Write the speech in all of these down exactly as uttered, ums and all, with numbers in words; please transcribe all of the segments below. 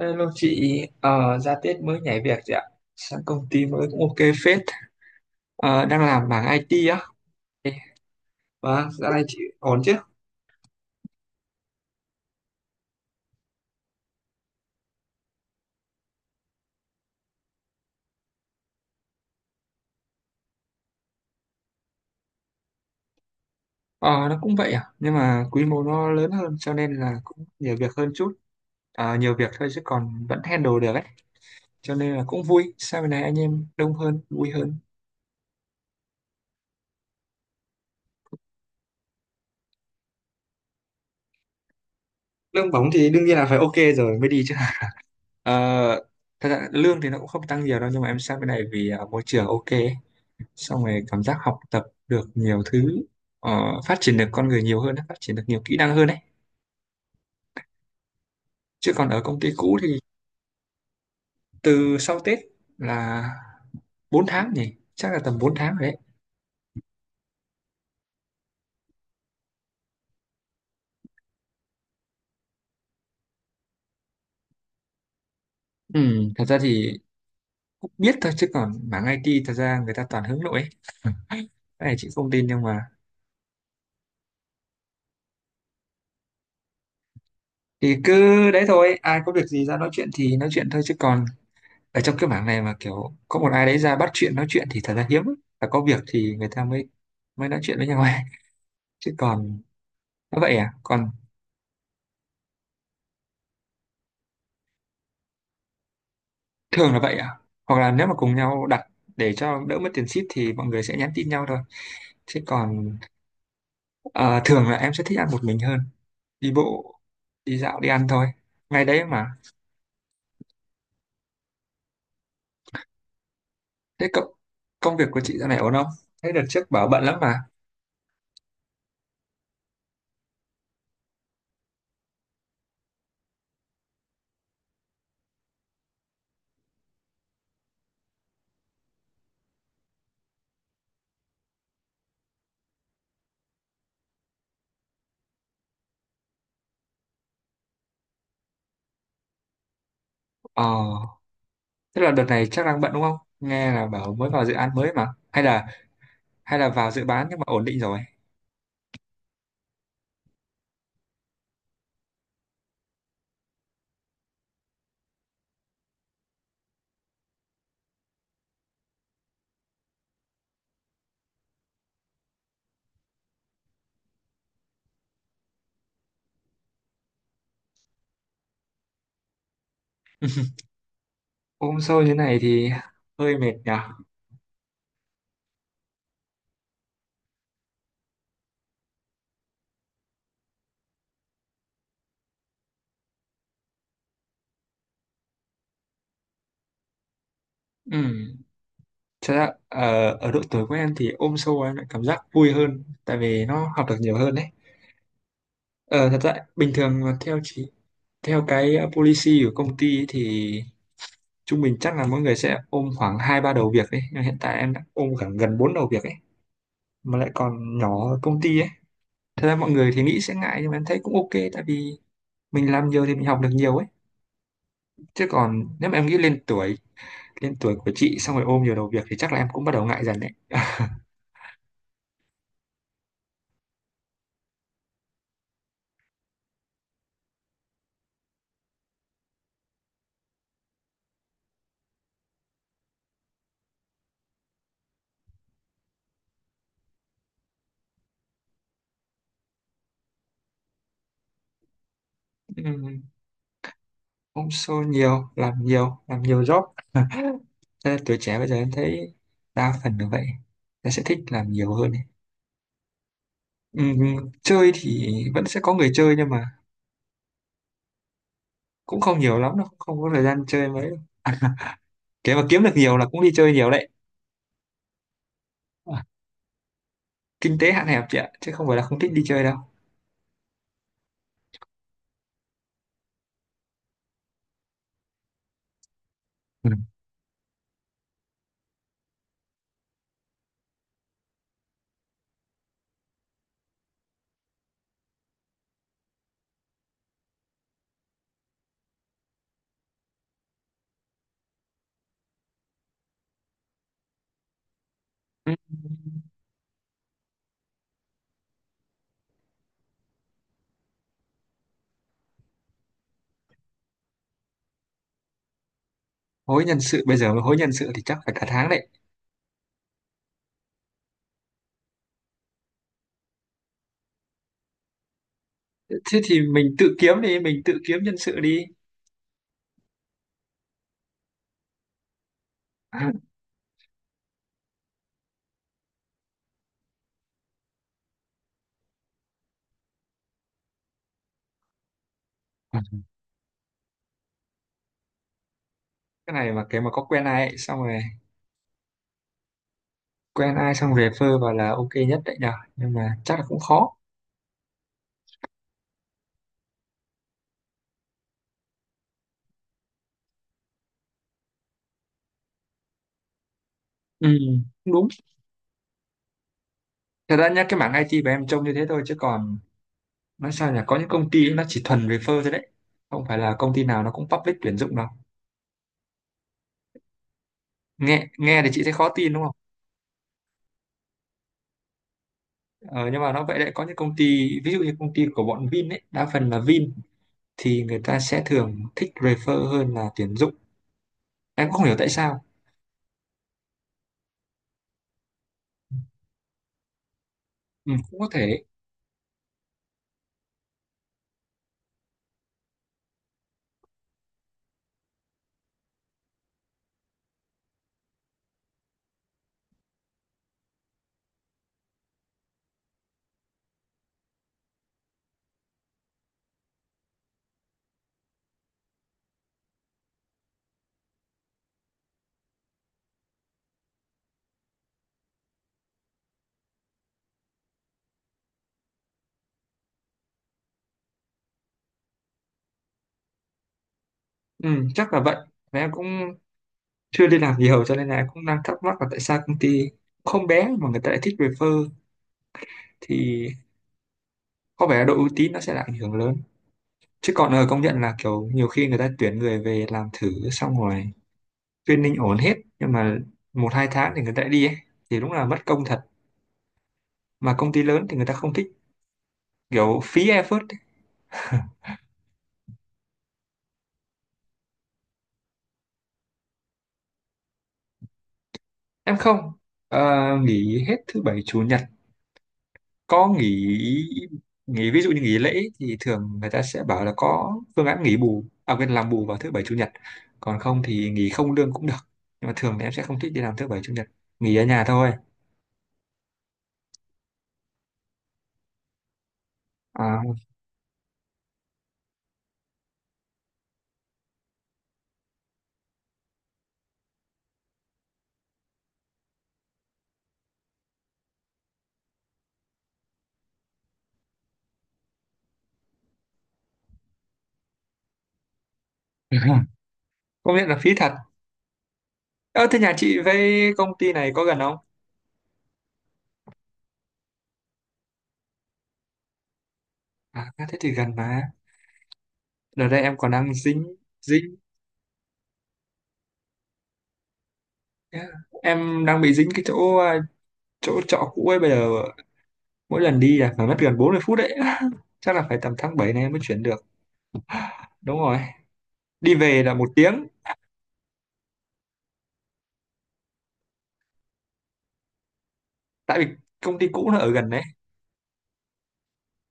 Hello chị, ờ, ra Tết mới nhảy việc chị ạ. Sang công ty mới cũng ok phết. Ờ, đang làm mảng i tê á. Ê, vâng, dạo này chị ổn chứ? Ờ, nó cũng vậy à, nhưng mà quy mô nó lớn hơn cho nên là cũng nhiều việc hơn chút. Ờ, nhiều việc thôi chứ còn vẫn handle được ấy. Cho nên là cũng vui. Sau này anh em đông hơn, vui hơn. Lương bóng thì đương nhiên là phải ok rồi mới đi chứ. Ờ, Thật ra lương thì nó cũng không tăng nhiều đâu, nhưng mà em sang bên này vì ờ, môi trường ok. Xong rồi cảm giác học tập được nhiều thứ, ờ, phát triển được con người nhiều hơn, phát triển được nhiều kỹ năng hơn đấy, chứ còn ở công ty cũ thì từ sau Tết là bốn tháng nhỉ, chắc là tầm bốn tháng rồi đấy. Ừ, thật ra thì cũng biết thôi, chứ còn mảng i tê thật ra người ta toàn hướng nội ấy. Cái này chị không tin, nhưng mà thì cứ đấy thôi, ai có việc gì ra nói chuyện thì nói chuyện thôi, chứ còn ở trong cái mảng này mà kiểu có một ai đấy ra bắt chuyện nói chuyện thì thật ra hiếm lắm. Và có việc thì người ta mới mới nói chuyện với nhau ấy. Chứ còn nó vậy à, còn thường là vậy ạ. Hoặc là nếu mà cùng nhau đặt để cho đỡ mất tiền ship thì mọi người sẽ nhắn tin nhau thôi, chứ còn ờ, thường là em sẽ thích ăn một mình hơn, đi bộ, đi dạo, đi ăn thôi, ngay đấy mà. Thế cậu, công việc của chị dạo này ổn không? Thế đợt trước bảo bận lắm mà. ờ Tức là đợt này chắc đang bận đúng không, nghe là bảo mới vào dự án mới mà, hay là hay là vào dự bán nhưng mà ổn định rồi? Ôm sâu như này thì hơi mệt nhỉ. Ừ, thật ra ờ, ở độ tuổi của em thì ôm sâu em lại cảm giác vui hơn, tại vì nó học được nhiều hơn đấy. Ờ, thật ra bình thường mà theo chỉ theo cái ờ, policy của công ty ấy thì trung bình chắc là mỗi người sẽ ôm khoảng hai ba đầu việc đấy, nhưng hiện tại em đã ôm khoảng gần bốn đầu việc ấy, mà lại còn nhỏ ở công ty ấy. Thật ra mọi người thì nghĩ sẽ ngại nhưng mà em thấy cũng ok, tại vì mình làm nhiều thì mình học được nhiều ấy. Chứ còn nếu mà em nghĩ lên tuổi lên tuổi của chị xong rồi ôm nhiều đầu việc thì chắc là em cũng bắt đầu ngại dần đấy. Cũng show nhiều, làm nhiều, làm nhiều job. Thế là tuổi trẻ bây giờ em thấy đa phần là vậy, em sẽ thích làm nhiều hơn ấy. Ừm, chơi thì vẫn sẽ có người chơi nhưng mà cũng không nhiều lắm đâu, không có thời gian chơi mấy đâu. À, mà kiếm được nhiều là cũng đi chơi nhiều đấy. à, Kinh tế hạn hẹp chị ạ, chứ không phải là không thích đi chơi đâu. Ừ. Ừ, hối nhân sự bây giờ mà hối nhân sự thì chắc phải cả tháng đấy. Thế thì mình tự kiếm đi, mình tự kiếm nhân sự đi. Cái này mà cái mà có quen ai ấy, xong rồi quen ai xong về phơ vào là ok nhất đấy nhờ, nhưng mà chắc là cũng khó. Ừ, cũng đúng. Thật ra nhá, cái mảng i tê của em trông như thế thôi, chứ còn nói sao nhỉ, có những công ty ấy, nó chỉ thuần về phơ thôi đấy, không phải là công ty nào nó cũng public tuyển dụng đâu. Nghe nghe thì chị thấy khó tin đúng không? ờ, nhưng mà nó vậy đấy, có những công ty ví dụ như công ty của bọn Vin ấy, đa phần là Vin thì người ta sẽ thường thích refer hơn là tuyển dụng, em cũng không hiểu tại sao. Ừ, cũng có thể. Ừ, chắc là vậy. Và em cũng chưa đi làm nhiều cho nên là cũng đang thắc mắc là tại sao công ty không bé mà người ta lại thích refer, thì có vẻ là độ uy tín nó sẽ là ảnh hưởng lớn. Chứ còn ờ, công nhận là kiểu nhiều khi người ta tuyển người về làm thử xong rồi training ổn hết, nhưng mà một hai tháng thì người ta lại đi ấy. Thì đúng là mất công thật, mà công ty lớn thì người ta không thích kiểu phí effort ấy. Em không, ờ, nghỉ hết thứ bảy chủ nhật, có nghỉ. Nghỉ ví dụ như nghỉ lễ thì thường người ta sẽ bảo là có phương án nghỉ bù, à quên, làm bù vào thứ bảy chủ nhật, còn không thì nghỉ không lương cũng được, nhưng mà thường thì em sẽ không thích đi làm thứ bảy chủ nhật, nghỉ ở nhà thôi. à, Công nhận là phí thật. Ơ thế nhà chị với công ty này có gần không? À thế thì gần mà, đợt đây em còn đang dính dính em đang bị dính cái chỗ à, chỗ trọ cũ ấy, bây giờ mỗi lần đi là phải mất gần bốn mươi phút đấy. Chắc là phải tầm tháng bảy này em mới chuyển được. Đúng rồi, đi về là một tiếng. Tại vì công ty cũ nó ở gần đấy.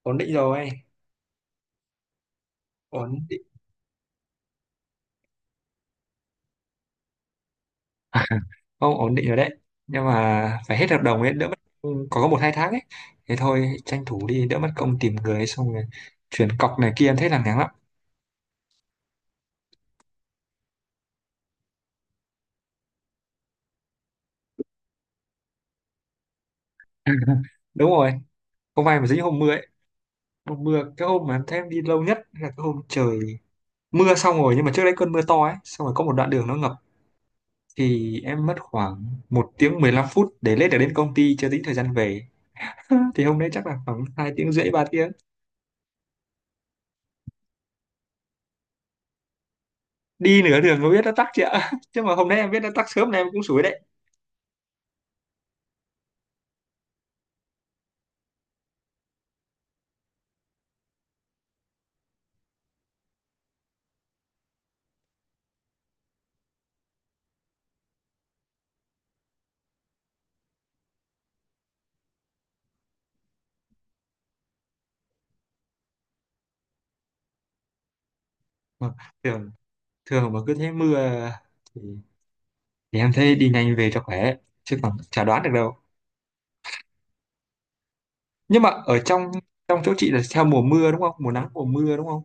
Ổn định rồi. Ổn định. Không ổn định rồi đấy, nhưng mà phải hết hợp đồng ấy đỡ mất công, có có một hai tháng ấy. Thế thôi tranh thủ đi đỡ mất công tìm người ấy, xong rồi chuyển cọc này kia em thấy là ngán lắm. Đúng rồi, hôm nay mà dính hôm mưa ấy, hôm mưa cái hôm mà em thấy em đi lâu nhất là cái hôm trời mưa, xong rồi nhưng mà trước đấy cơn mưa to ấy, xong rồi có một đoạn đường nó ngập thì em mất khoảng một tiếng mười lăm phút để lên được đến công ty, chưa tính thời gian về. Thì hôm đấy chắc là khoảng hai tiếng rưỡi, ba tiếng. Đi nửa đường mới biết nó tắc chị ạ. Chứ mà hôm nay em biết nó tắc sớm này em cũng sủi đấy. Mà thường thường mà cứ thấy mưa thì, thì em thấy đi nhanh về cho khỏe, chứ còn chả đoán được đâu. Nhưng mà ở trong trong chỗ chị là theo mùa mưa đúng không, mùa nắng mùa mưa đúng không?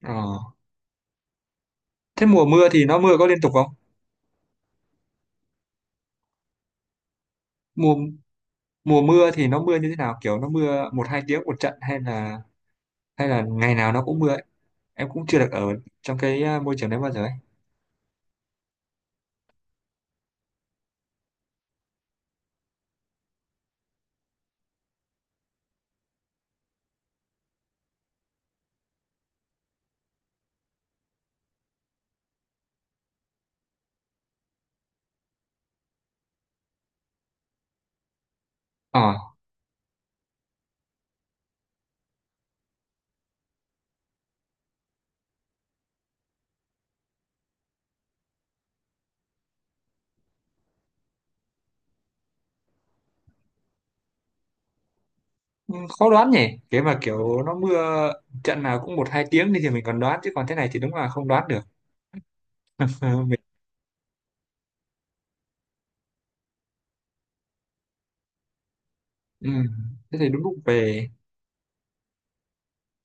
Ờ. Thế mùa mưa thì nó mưa có liên tục không? Mùa Mùa mưa thì nó mưa như thế nào, kiểu nó mưa một hai tiếng một trận hay là hay là ngày nào nó cũng mưa ấy? Em cũng chưa được ở trong cái à, môi trường đấy bao giờ ấy. Ờ. Ừ, khó đoán nhỉ, cái mà kiểu nó mưa trận nào cũng một hai tiếng đi thì mình còn đoán, chứ còn thế này thì đúng là không đoán được. Ờ, mình, ừ, thế thì đúng lúc về.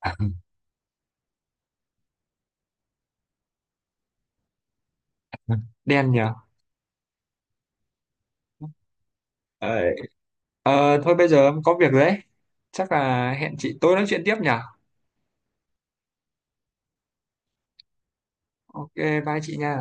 Đen nhờ. ờ, ờ, Thôi bây giờ em có việc rồi đấy, chắc là hẹn chị tối nói chuyện tiếp nhở. Ok, bye chị nha.